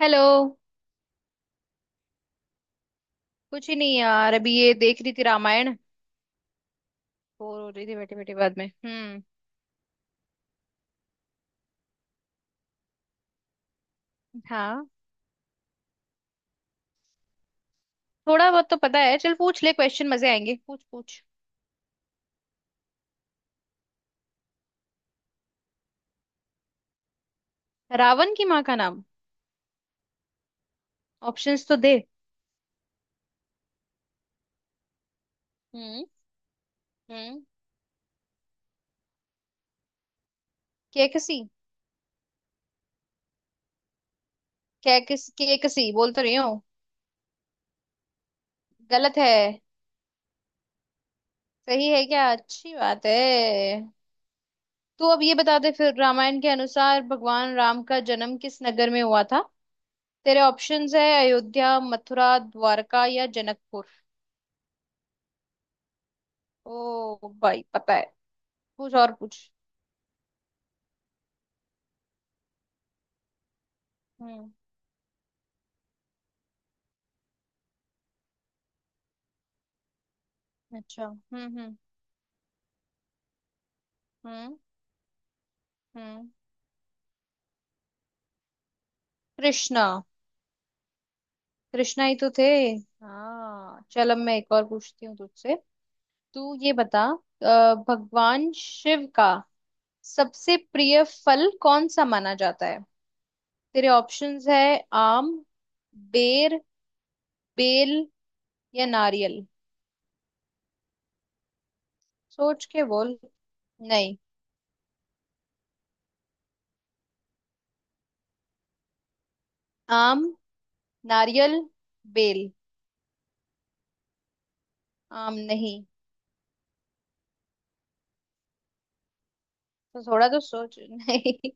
Hello. कुछ ही नहीं यार, अभी ये देख रही थी रामायण। बोर हो रही थी बैठे बैठे। बाद में हम्म। हाँ, थोड़ा बहुत तो पता है। चल पूछ ले क्वेश्चन, मजे आएंगे। पूछ पूछ। रावण की माँ का नाम। ऑप्शंस तो दे। हम्म। हम्म। कैकसी। कैकसी बोल तो रही हूँ। गलत है? सही है क्या? अच्छी बात है। तू अब ये बता दे फिर, रामायण के अनुसार भगवान राम का जन्म किस नगर में हुआ था। तेरे ऑप्शंस है अयोध्या, मथुरा, द्वारका या जनकपुर। ओ भाई, पता है। कुछ और कुछ। हम्म। अच्छा। हम्म। हम्म। हम्म। हम्म। कृष्णा। कृष्णा ही तो थे। हाँ चल, अब मैं एक और पूछती हूँ तुझसे। तू ये बता, भगवान शिव का सबसे प्रिय फल कौन सा माना जाता है। तेरे ऑप्शंस है आम, बेर, बेल या नारियल। सोच के बोल। नहीं। आम, नारियल, बेल। आम नहीं। तो थोड़ा तो सोच। नहीं।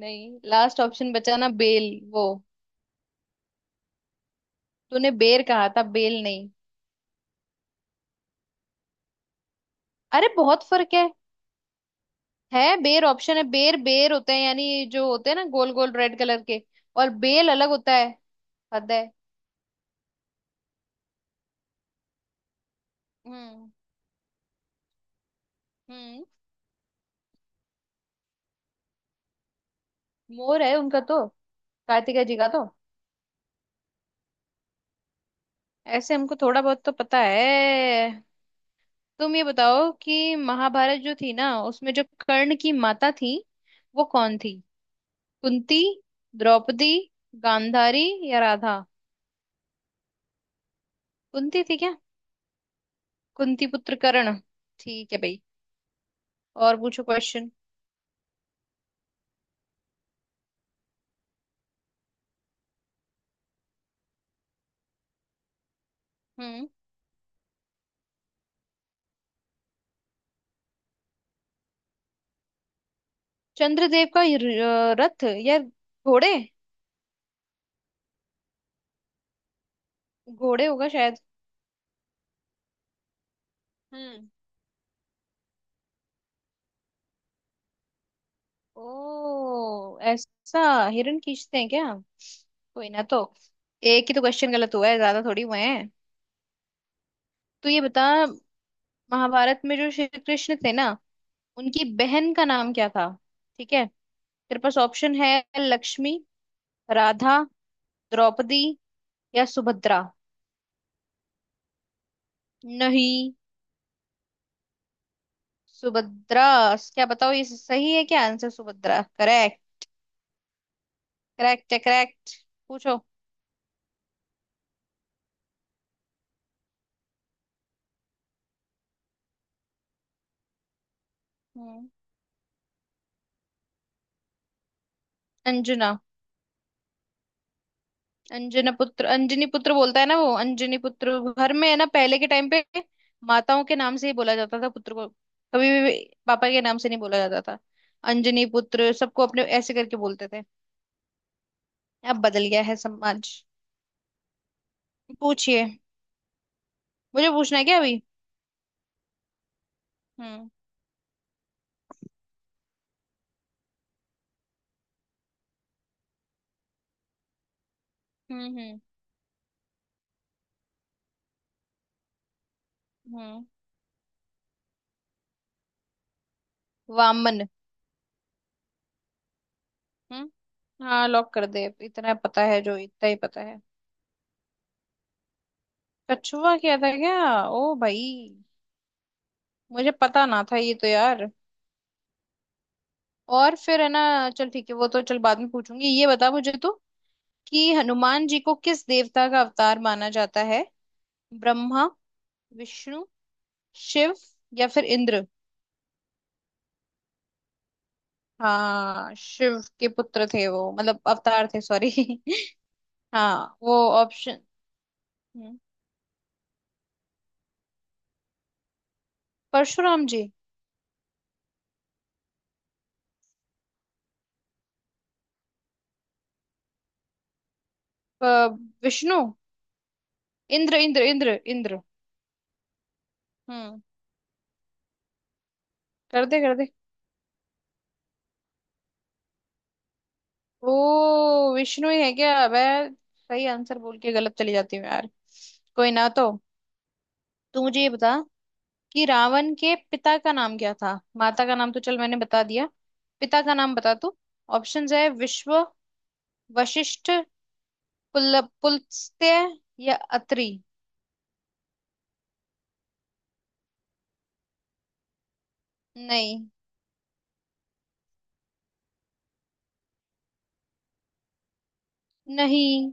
नहीं, लास्ट ऑप्शन बचा ना बेल, वो। तूने बेर कहा था, बेल नहीं। अरे बहुत फर्क है। है, बेर ऑप्शन है। बेर बेर होते हैं यानी जो होते हैं ना, गोल गोल रेड कलर के। और बेल अलग होता है। हद है। हम्म। हम्म। मोर है उनका तो। कार्तिका जी का तो। ऐसे हमको थोड़ा बहुत तो पता है। तुम ये बताओ कि महाभारत जो थी ना, उसमें जो कर्ण की माता थी वो कौन थी। कुंती, द्रौपदी, गांधारी या राधा। कुंती थी क्या? कुंती पुत्र कर्ण। ठीक है भाई। और पूछो क्वेश्चन। हम्म। चंद्रदेव का ये रथ या घोड़े? घोड़े होगा शायद। हम्म। ओ ऐसा। हिरण खींचते हैं क्या? कोई ना तो। एक ही तो क्वेश्चन गलत हुआ है, ज्यादा थोड़ी हुए हैं। तो ये बता, महाभारत में जो श्री कृष्ण थे ना, उनकी बहन का नाम क्या था। ठीक है, तेरे पास ऑप्शन है लक्ष्मी, राधा, द्रौपदी या सुभद्रा। नहीं। सुभद्रा। क्या बताओ, ये सही है क्या आंसर? सुभद्रा करेक्ट? करेक्ट है, करेक्ट। पूछो। हम्म। अंजना। अंजना पुत्र, अंजनी पुत्र बोलता है ना वो, अंजनी पुत्र घर में है ना। पहले के टाइम पे माताओं के नाम से ही बोला जाता था पुत्र को, कभी भी पापा के नाम से नहीं बोला जाता था। अंजनी पुत्र सबको अपने ऐसे करके बोलते थे। अब बदल गया है समाज। पूछिए। मुझे पूछना है क्या अभी? हम्म। हम्म। हम्म। हम्म। वामन। हाँ लॉक कर दे, इतना पता है जो, इतना ही पता है। कछुआ क्या था क्या? ओ भाई, मुझे पता ना था ये तो यार। और फिर है ना, चल ठीक है, वो तो चल बाद में पूछूंगी। ये बता मुझे तो, कि हनुमान जी को किस देवता का अवतार माना जाता है। ब्रह्मा, विष्णु, शिव या फिर इंद्र। हाँ, शिव के पुत्र थे वो, मतलब अवतार थे सॉरी। हाँ वो, ऑप्शन। परशुराम जी। अ, विष्णु। इंद्र इंद्र इंद्र इंद्र। हम्म। कर दे, कर दे। ओ, विष्णु ही है क्या? मैं सही आंसर बोल के गलत चली जाती हूँ यार। कोई ना तो। तू मुझे ये बता, कि रावण के पिता का नाम क्या था। माता का नाम तो चल मैंने बता दिया, पिता का नाम बता तू। ऑप्शंस है विश्व, वशिष्ठ, पुलस्त्य या अत्रि। नहीं। नहीं,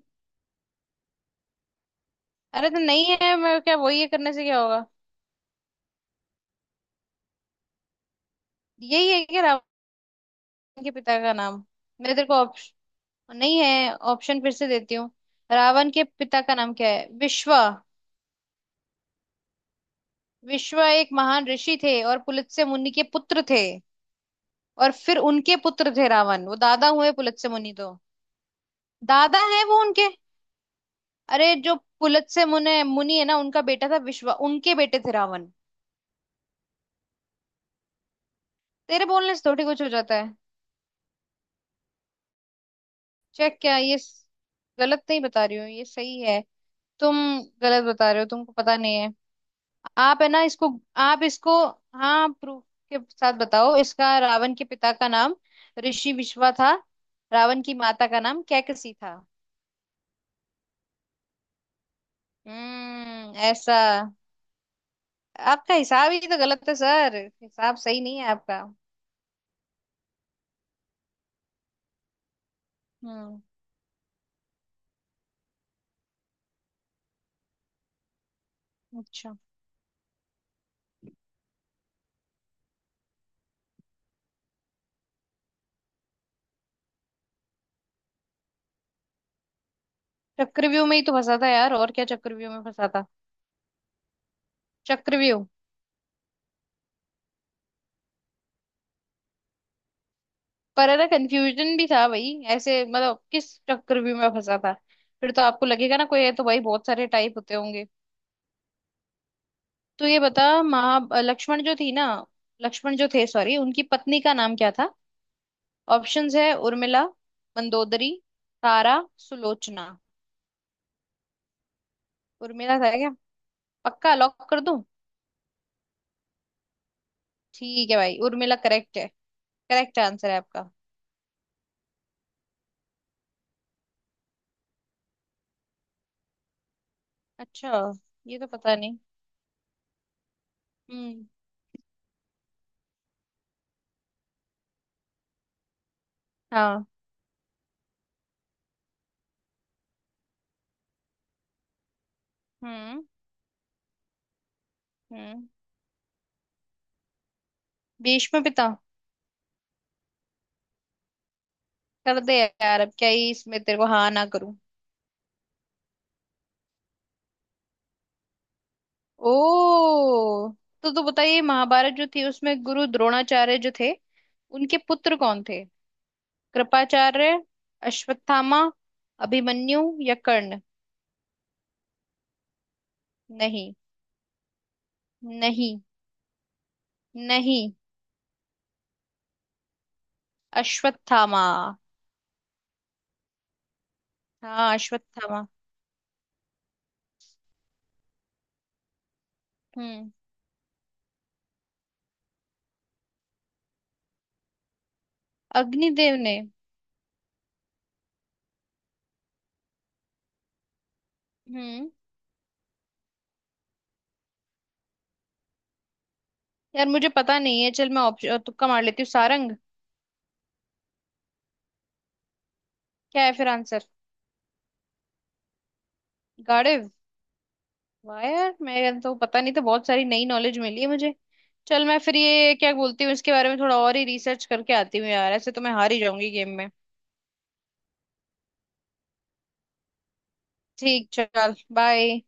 अरे तो नहीं है, मैं क्या वही है करने से क्या होगा। यही है क्या रावण के पिता का नाम? मैं तेरे को ऑप्शन नहीं है, ऑप्शन फिर से देती हूँ। रावण के पिता का नाम क्या है? विश्वा। विश्व एक महान ऋषि थे और पुलत्स्य मुनि के पुत्र थे। और फिर उनके पुत्र थे रावण, वो दादा हुए पुलत्स्य मुनि तो। दादा है वो उनके। अरे जो पुलत्स्य मुनि मुनि है ना, उनका बेटा था विश्व, उनके बेटे थे रावण। तेरे बोलने से थोड़ी कुछ हो जाता है। चेक क्या ये गलत नहीं बता रही हूँ, ये सही है। तुम गलत बता रहे हो, तुमको पता नहीं है। आप है ना इसको, आप इसको। हाँ प्रूफ के साथ बताओ इसका। रावण के पिता का नाम ऋषि विश्वा था। रावण की माता का नाम कैकसी था। ऐसा। आपका हिसाब ही तो गलत है सर। हिसाब सही नहीं है आपका। हम्म। अच्छा। चक्रव्यूह में ही तो फंसा था यार, और क्या चक्रव्यूह में फंसा था। चक्रव्यूह। पर है ना, कंफ्यूजन भी था भाई ऐसे, मतलब किस चक्रव्यूह में फंसा था। फिर तो आपको लगेगा ना, कोई है तो भाई बहुत सारे टाइप होते होंगे। तो ये बता, महा लक्ष्मण जो थी ना, लक्ष्मण जो थे सॉरी, उनकी पत्नी का नाम क्या था। ऑप्शंस है उर्मिला, मंदोदरी, तारा, सुलोचना। उर्मिला था क्या? पक्का लॉक कर दूं? ठीक है भाई, उर्मिला करेक्ट है। करेक्ट आंसर है आपका। अच्छा। ये तो पता नहीं। हम्म। हाँ। हम्म। हम्म। भीष्म पिता। कर दे यार, अब क्या ही इसमें तेरे को हाँ ना करूं। ओ। तो बताइए, महाभारत जो थी उसमें गुरु द्रोणाचार्य जो थे, उनके पुत्र कौन थे। कृपाचार्य, अश्वत्थामा, अभिमन्यु या कर्ण। नहीं। नहीं। नहीं। अश्वत्थामा। हाँ अश्वत्थामा। हम्म। अग्निदेव ने। हम्म। यार मुझे पता नहीं है, चल मैं ऑप्शन तुक्का मार लेती हूँ, सारंग। क्या है फिर आंसर? गाड़िव। वाह यार, मैं तो पता नहीं था, बहुत सारी नई नॉलेज मिली है मुझे। चल मैं फिर, ये क्या बोलती हूँ, इसके बारे में थोड़ा और ही रिसर्च करके आती हूँ यार, ऐसे तो मैं हार ही जाऊंगी गेम में। ठीक चल, बाय।